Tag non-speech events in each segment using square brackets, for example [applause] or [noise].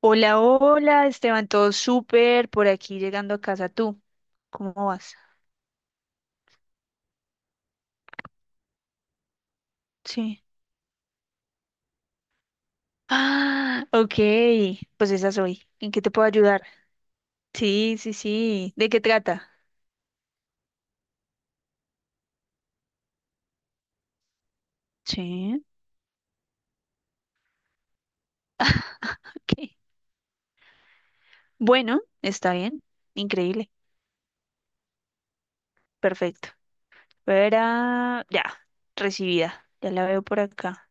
Hola, hola, Esteban, todo súper por aquí llegando a casa. ¿Tú cómo vas? Sí. Ok, pues esa soy. ¿En qué te puedo ayudar? Sí, sí, sí. ¿De qué trata? Sí, ok. Bueno, está bien. Increíble. Perfecto. Verá, ya, recibida. Ya la veo por acá.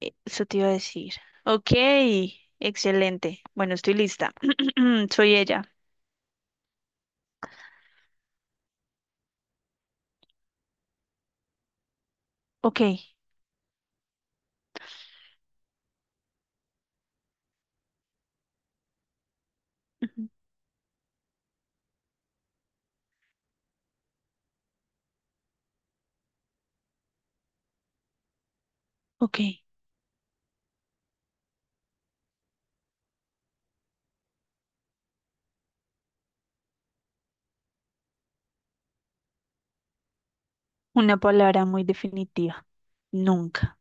Eso te iba a decir. Ok, excelente. Bueno, estoy lista. [clears throat] Soy ella. Ok. Ujú. Ok. Una palabra muy definitiva. Nunca.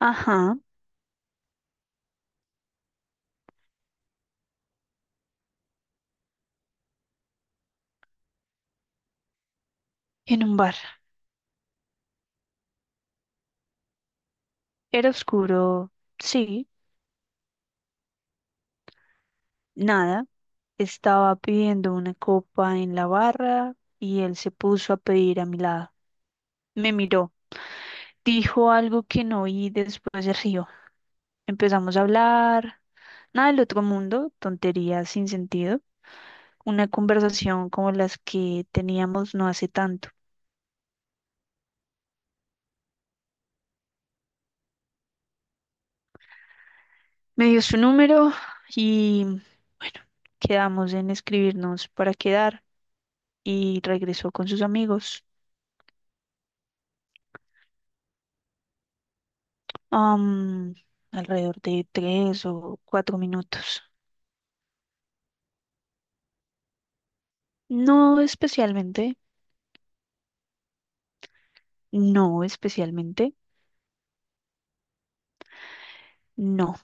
Ajá. En un bar. Era oscuro. Sí. Nada. Estaba pidiendo una copa en la barra y él se puso a pedir a mi lado. Me miró. Dijo algo que no oí, después se rió. Empezamos a hablar. Nada del otro mundo, tonterías sin sentido. Una conversación como las que teníamos no hace tanto. Me dio su número y bueno, quedamos en escribirnos para quedar, y regresó con sus amigos. am, Alrededor de tres o cuatro minutos. No especialmente, no especialmente, no.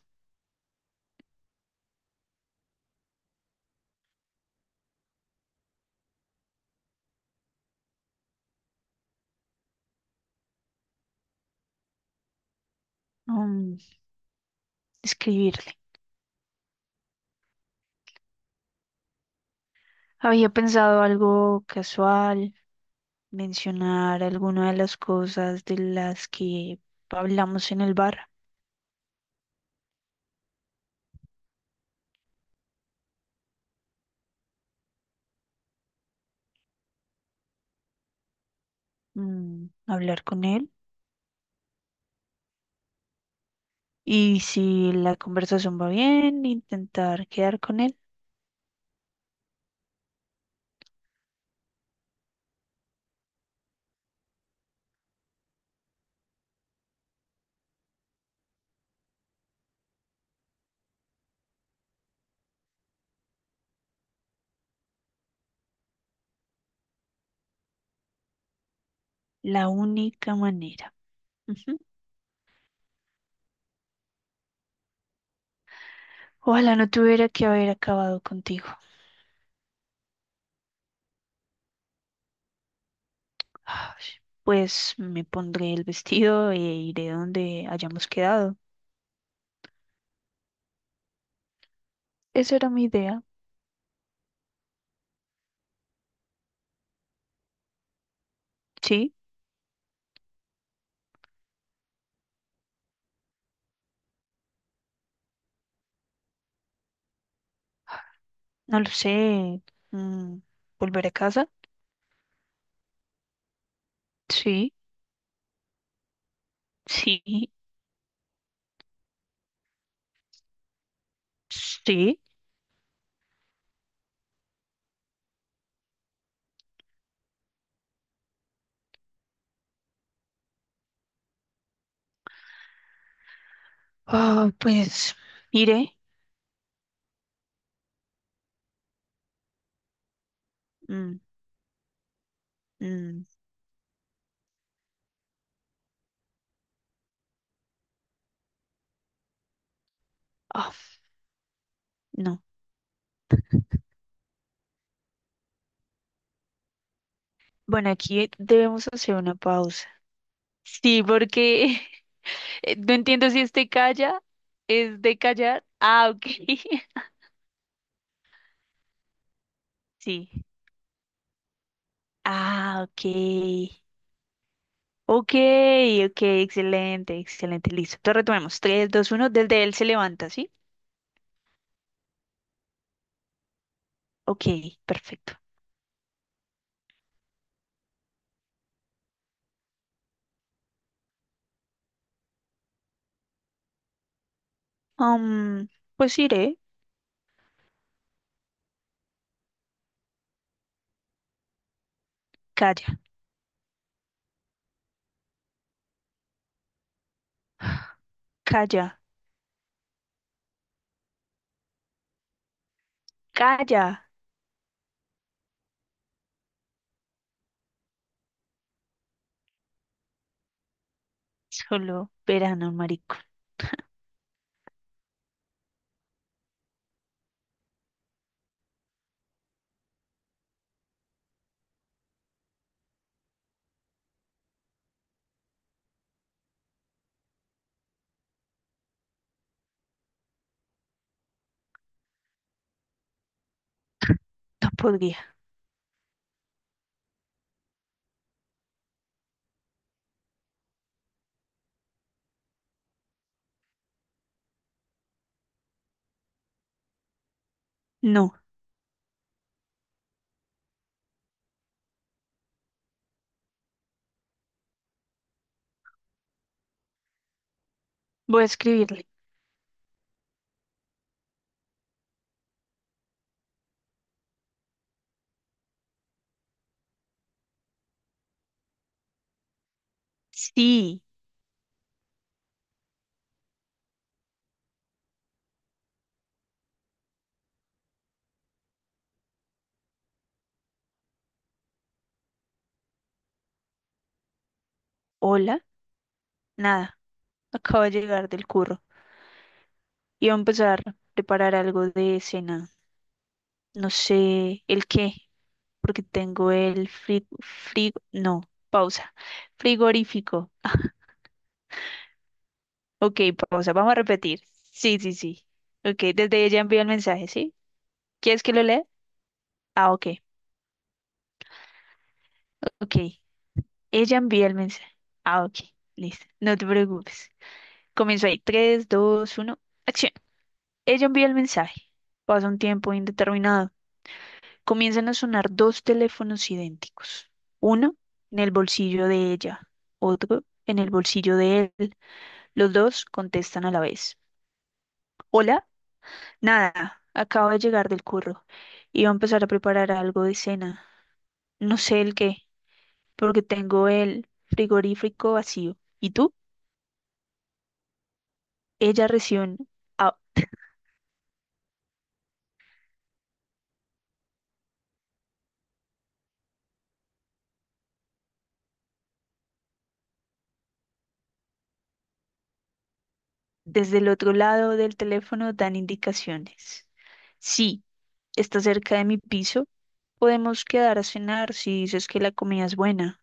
mm, Describirle. Había pensado algo casual, mencionar alguna de las cosas de las que hablamos en el bar. Hablar con él. Y si la conversación va bien, intentar quedar con él. La única manera. Ojalá no tuviera que haber acabado contigo. Ay, Pues me pondré el vestido e iré donde hayamos quedado. Esa era mi idea. Sí, no lo sé. mm, ¿Volver a casa? Sí, sí, sí. Pues iré. Mm, mm, ah, no. Bueno, aquí debemos hacer una pausa. Sí, porque [laughs] no entiendo si este calla es de callar. Ah, ok. [laughs] Sí. Ah, ok. Ok, ok, excelente, excelente, listo. Entonces retomemos. 3, 2, 1, desde él se levanta, ¿sí? Ok, perfecto. Um, pues iré. Calla, calla, calla. Solo verano, marico. No podría. No, voy a escribirle. Sí, hola, nada. Acabo de llegar del curro. Y a empezar a preparar algo de cena. No sé el qué, porque tengo el no, pausa, frigorífico. Ok, pausa, vamos a repetir. Sí, sí, sí. Ok, desde ella envió el mensaje, ¿sí? ¿Quieres que lo lea? Ah, ok, ok. Ella envía el mensaje. Ah, ok, listo, no te preocupes. Comienzo ahí, 3, 2, 1, acción. Ella envía el mensaje. Pasa un tiempo indeterminado. Comienzan a sonar dos teléfonos idénticos. Uno en el bolsillo de ella, otro en el bolsillo de él. Los dos contestan a la vez. Hola, nada, acabo de llegar del curro. Iba a empezar a preparar algo de cena. No sé el qué, porque tengo el frigorífico vacío. ¿Y tú? Ella recién, ah, desde el otro lado del teléfono dan indicaciones. Sí, está cerca de mi piso. Podemos quedar a cenar si dices que la comida es buena.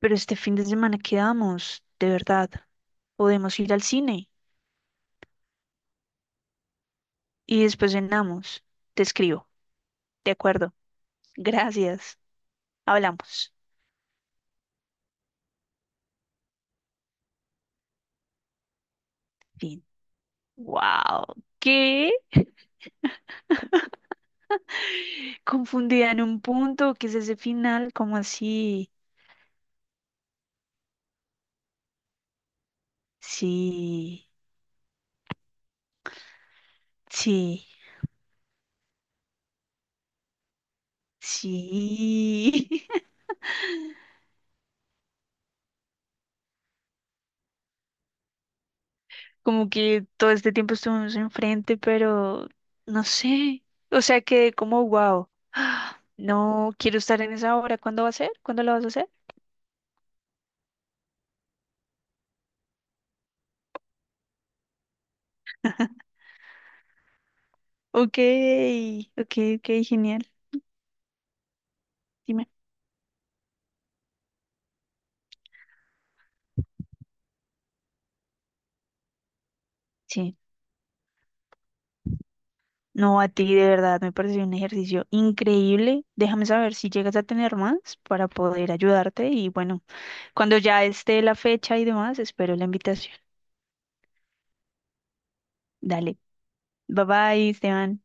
Pero este fin de semana quedamos, de verdad. Podemos ir al cine y después cenamos. Te escribo, ¿de acuerdo? Gracias. Hablamos. Fin. Wow. ¿Qué? Confundida en un punto. ¿Qué es ese final? ¿Cómo así? Sí, sí, sí. [laughs] Como que todo este tiempo estuvimos enfrente, pero no sé. O sea, que como wow. No quiero estar en esa hora. ¿Cuándo va a ser? ¿Cuándo lo vas a hacer? Ok, ok, ok, genial. Dime. Sí. No, a ti de verdad me pareció un ejercicio increíble. Déjame saber si llegas a tener más para poder ayudarte y bueno, cuando ya esté la fecha y demás, espero la invitación. Dale. Bye bye, Esteban.